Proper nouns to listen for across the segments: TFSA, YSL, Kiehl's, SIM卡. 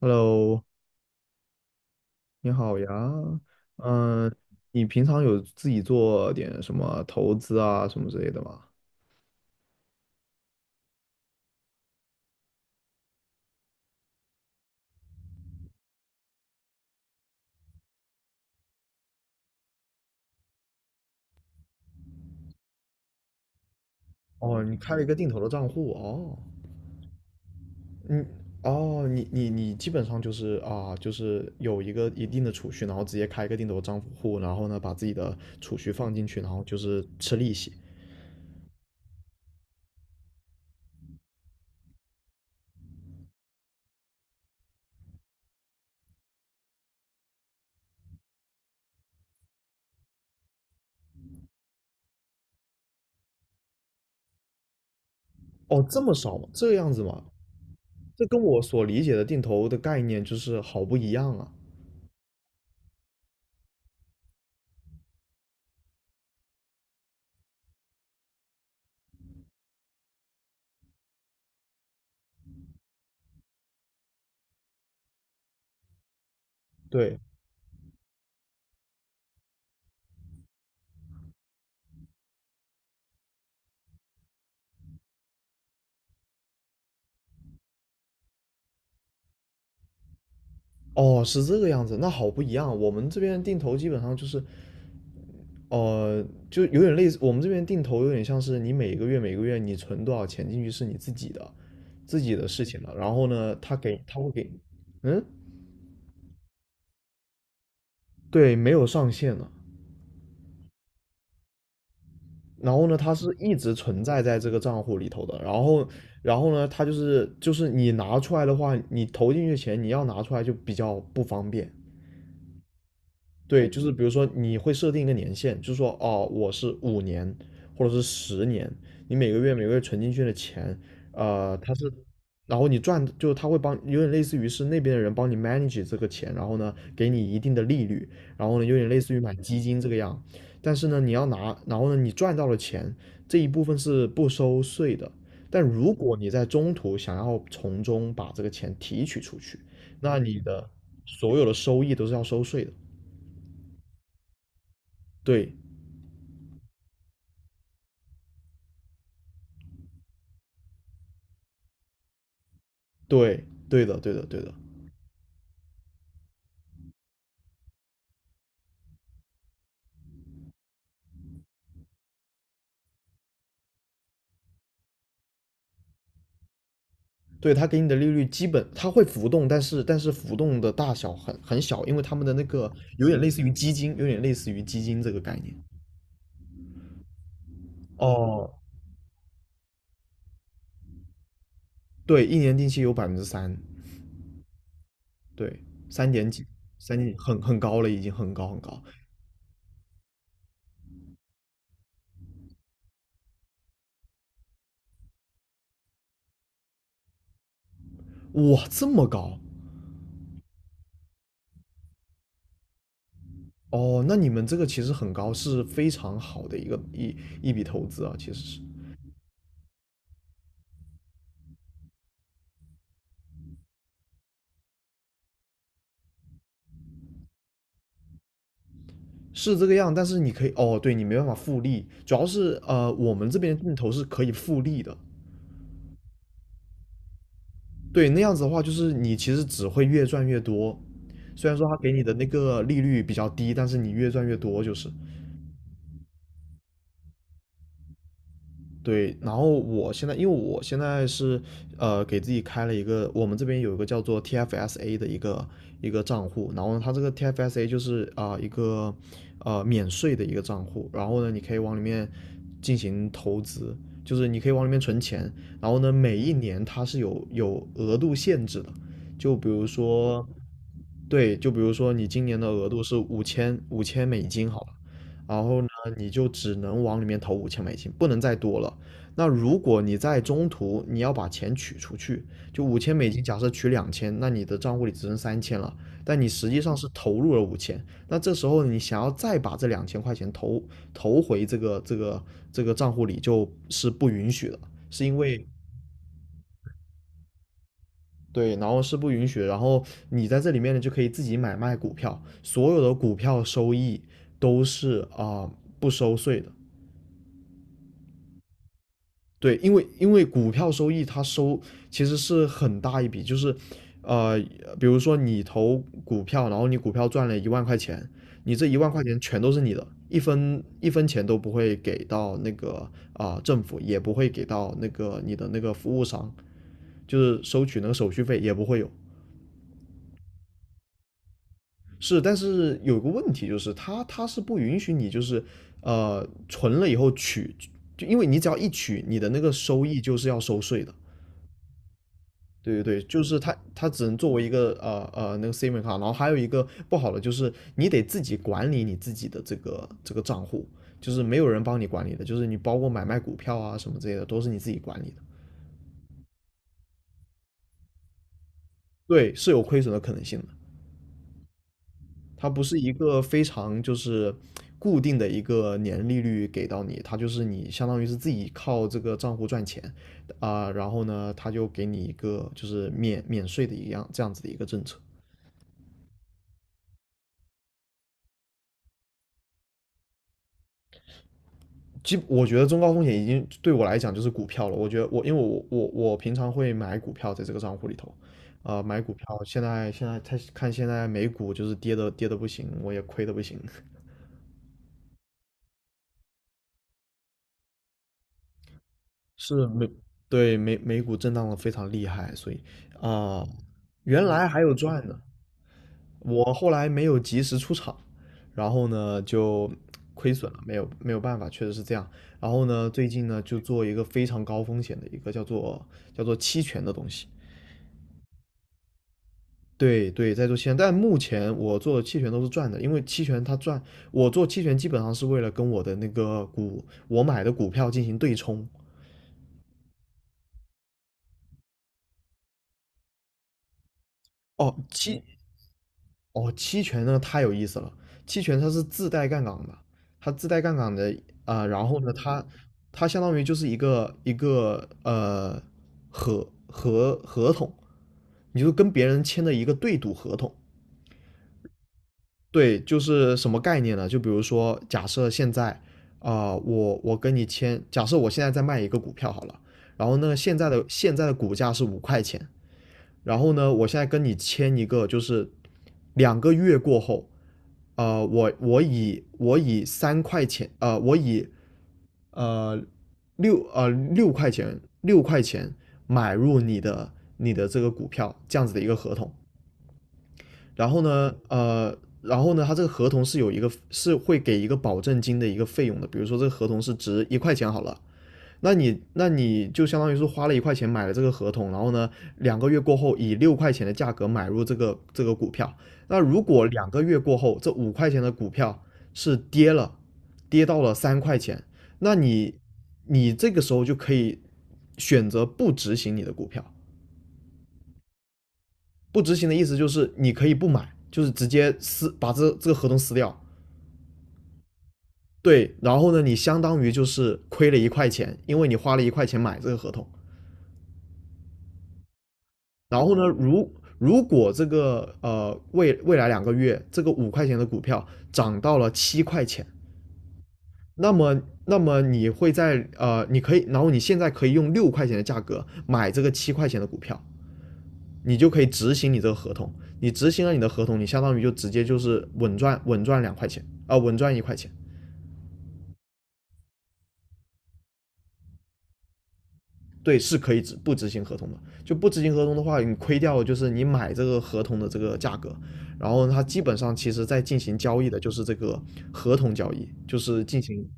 Hello，你好呀。嗯，你平常有自己做点什么投资啊，什么之类的吗？哦，你开了一个定投的账户哦。嗯，哦，你基本上就是啊，就是有一个一定的储蓄，然后直接开一个定投账户，然后呢，把自己的储蓄放进去，然后就是吃利息。哦，这么少吗？这样子吗？这跟我所理解的定投的概念就是好不一样啊。对，哦，是这个样子，那好不一样。我们这边定投基本上就是。呃，就有点类似我们这边定投，有点像是你每个月每个月你存多少钱进去是你自己的，自己的事情了。然后呢，他会给，嗯，对，没有上限的。然后呢，它是一直存在在这个账户里头的。然后呢，它就是你拿出来的话，你投进去的钱你要拿出来就比较不方便。对，就是比如说你会设定一个年限，就是说哦，我是5年或者是10年，你每个月每个月存进去的钱，它是，然后你赚，就是他会帮，有点类似于是那边的人帮你 manage 这个钱，然后呢，给你一定的利率，然后呢，有点类似于买基金这个样，但是呢，你要拿，然后呢，你赚到了钱这一部分是不收税的，但如果你在中途想要从中把这个钱提取出去，那你的所有的收益都是要收税的。对，对，对的，对的，对的，对，它给你的利率基本它会浮动，但是浮动的大小很小，因为他们的那个有点类似于基金这个概念。哦，对，一年定期有3%，对，三点几，三点几很高了，已经很高很高。哇，这么高哦，那你们这个其实很高，是非常好的一个一笔投资啊，其实是这个样，但是你可以哦，对你没办法复利，主要是我们这边定投是可以复利的，对，那样子的话，就是你其实只会越赚越多，虽然说他给你的那个利率比较低，但是你越赚越多就是。对，然后我现在，因为我现在是给自己开了一个，我们这边有一个叫做 TFSA 的一个账户，然后呢，它这个 TFSA 就是一个免税的一个账户，然后呢，你可以往里面进行投资，就是你可以往里面存钱，然后呢，每一年它是有额度限制的，就比如说，对，就比如说你今年的额度是五千美金好了，然后呢，你就只能往里面投五千美金，不能再多了。那如果你在中途你要把钱取出去，就五千美金，假设取两千，那你的账户里只剩三千了，但你实际上是投入了五千，那这时候你想要再把这2000块钱投回这个账户里，就是不允许的，是因为。对，然后是不允许的，然后你在这里面呢就可以自己买卖股票，所有的股票收益都是不收税的，对，因为股票收益其实是很大一笔，就是，呃，比如说你投股票，然后你股票赚了一万块钱，你这一万块钱全都是你的，一分一分钱都不会给到那个政府，也不会给到那个你的那个服务商，就是收取那个手续费也不会有。是，但是有个问题就是它是不允许你就是存了以后取，就因为你只要一取，你的那个收益就是要收税的。对对对，就是它，它只能作为一个那个 SIM 卡，然后还有一个不好的就是你得自己管理你自己的这个账户，就是没有人帮你管理的，就是你包括买卖股票啊什么之类的都是你自己管理的，对，是有亏损的可能性的，它不是一个非常就是固定的一个年利率给到你，它就是你相当于是自己靠这个账户赚钱然后呢，它就给你一个就是免税的一样这样子的一个政策。我觉得中高风险已经对我来讲就是股票了。我觉得我因为我平常会买股票在这个账户里头，买股票。现在现在美股就是跌的不行，我也亏的不行。是美对美股震荡的非常厉害，所以啊、原来还有赚的，我后来没有及时出场，然后呢就亏损了，没有没有办法，确实是这样。然后呢，最近呢就做一个非常高风险的一个叫做期权的东西。对对，在做期权，但目前我做期权都是赚的，因为期权它赚，我做期权基本上是为了跟我买的股票进行对冲。哦，期权呢太有意思了，期权它是自带杠杆的，它自带杠杆的然后呢，它相当于就是一个合同，你就跟别人签的一个对赌合同，对，就是什么概念呢？就比如说，假设现在我跟你签，假设我现在在卖一个股票好了，然后呢，现在的股价是五块钱，然后呢，我现在跟你签一个，就是两个月过后，我以三块钱，我以呃六六块钱买入你的这个股票这样子的一个合同，然后呢，呃，然后呢，它这个合同是有一个是会给一个保证金的一个费用的，比如说这个合同是值一块钱好了，那你那你就相当于是花了一块钱买了这个合同，然后呢，两个月过后以六块钱的价格买入这个股票，那如果两个月过后这五块钱的股票是跌了，跌到了三块钱，那你这个时候就可以选择不执行你的股票。不执行的意思就是你可以不买，就是直接把这个合同撕掉。对，然后呢，你相当于就是亏了一块钱，因为你花了一块钱买这个合同。然后呢，如果这个未来两个月这个五块钱的股票涨到了七块钱，那么你会在呃你可以，然后你现在可以用六块钱的价格买这个七块钱的股票，你就可以执行你这个合同。你执行了你的合同，你相当于就直接就是稳赚2块钱稳赚一块钱。对，是可以执不执行合同的。就不执行合同的话，你亏掉的就是你买这个合同的这个价格，然后它基本上其实在进行交易的就是这个合同交易，就是进行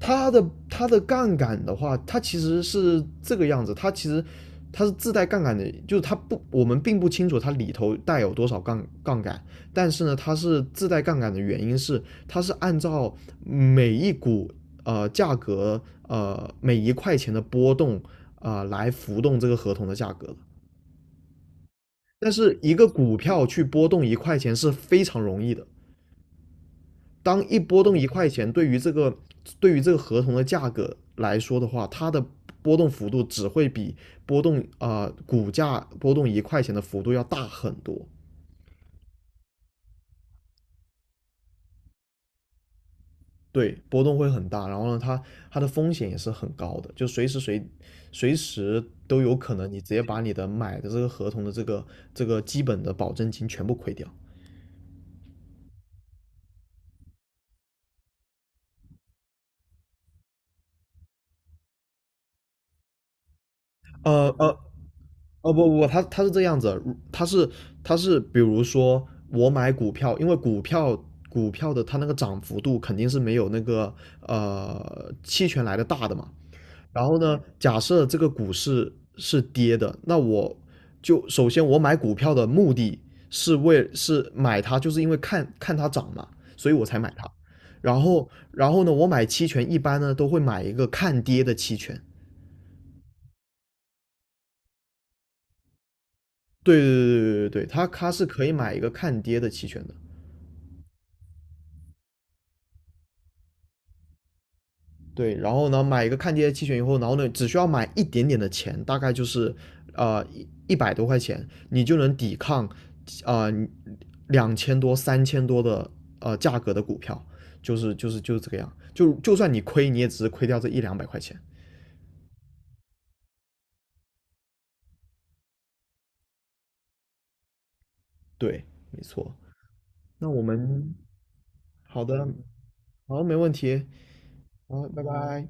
它的杠杆的话，它其实是这个样子，它其实它是自带杠杆的，就是它不，我们并不清楚它里头带有多少杠杠杆，但是呢，它是自带杠杆的原因是，它是按照每一股价格每一块钱的波动来浮动这个合同的价格的。但是一个股票去波动一块钱是非常容易的，当一波动一块钱，对于这个合同的价格来说的话，它的波动幅度只会比波动啊、呃股价波动一块钱的幅度要大很多。对，波动会很大，然后呢，它的风险也是很高的，就随时都有可能你直接把你的买的这个合同的这个基本的保证金全部亏掉。呃呃，哦不不，他是这样子，他是他是，比如说我买股票，因为股票的它那个涨幅度肯定是没有那个期权来的大的嘛。然后呢，假设这个股市是跌的，那我就首先我买股票的目的是买它，就是因为看看它涨嘛，所以我才买它。然后呢，我买期权一般呢都会买一个看跌的期权。对对对对对对，它是可以买一个看跌的期权的，对，然后呢，买一个看跌的期权以后，然后呢，只需要买一点点的钱，大概就是一百多块钱，你就能抵抗呃2000多、3000多的价格的股票，就是这个样，就算你亏，你也只是亏掉这1、200块钱，对，没错。那我们好的，好，没问题，好，拜拜。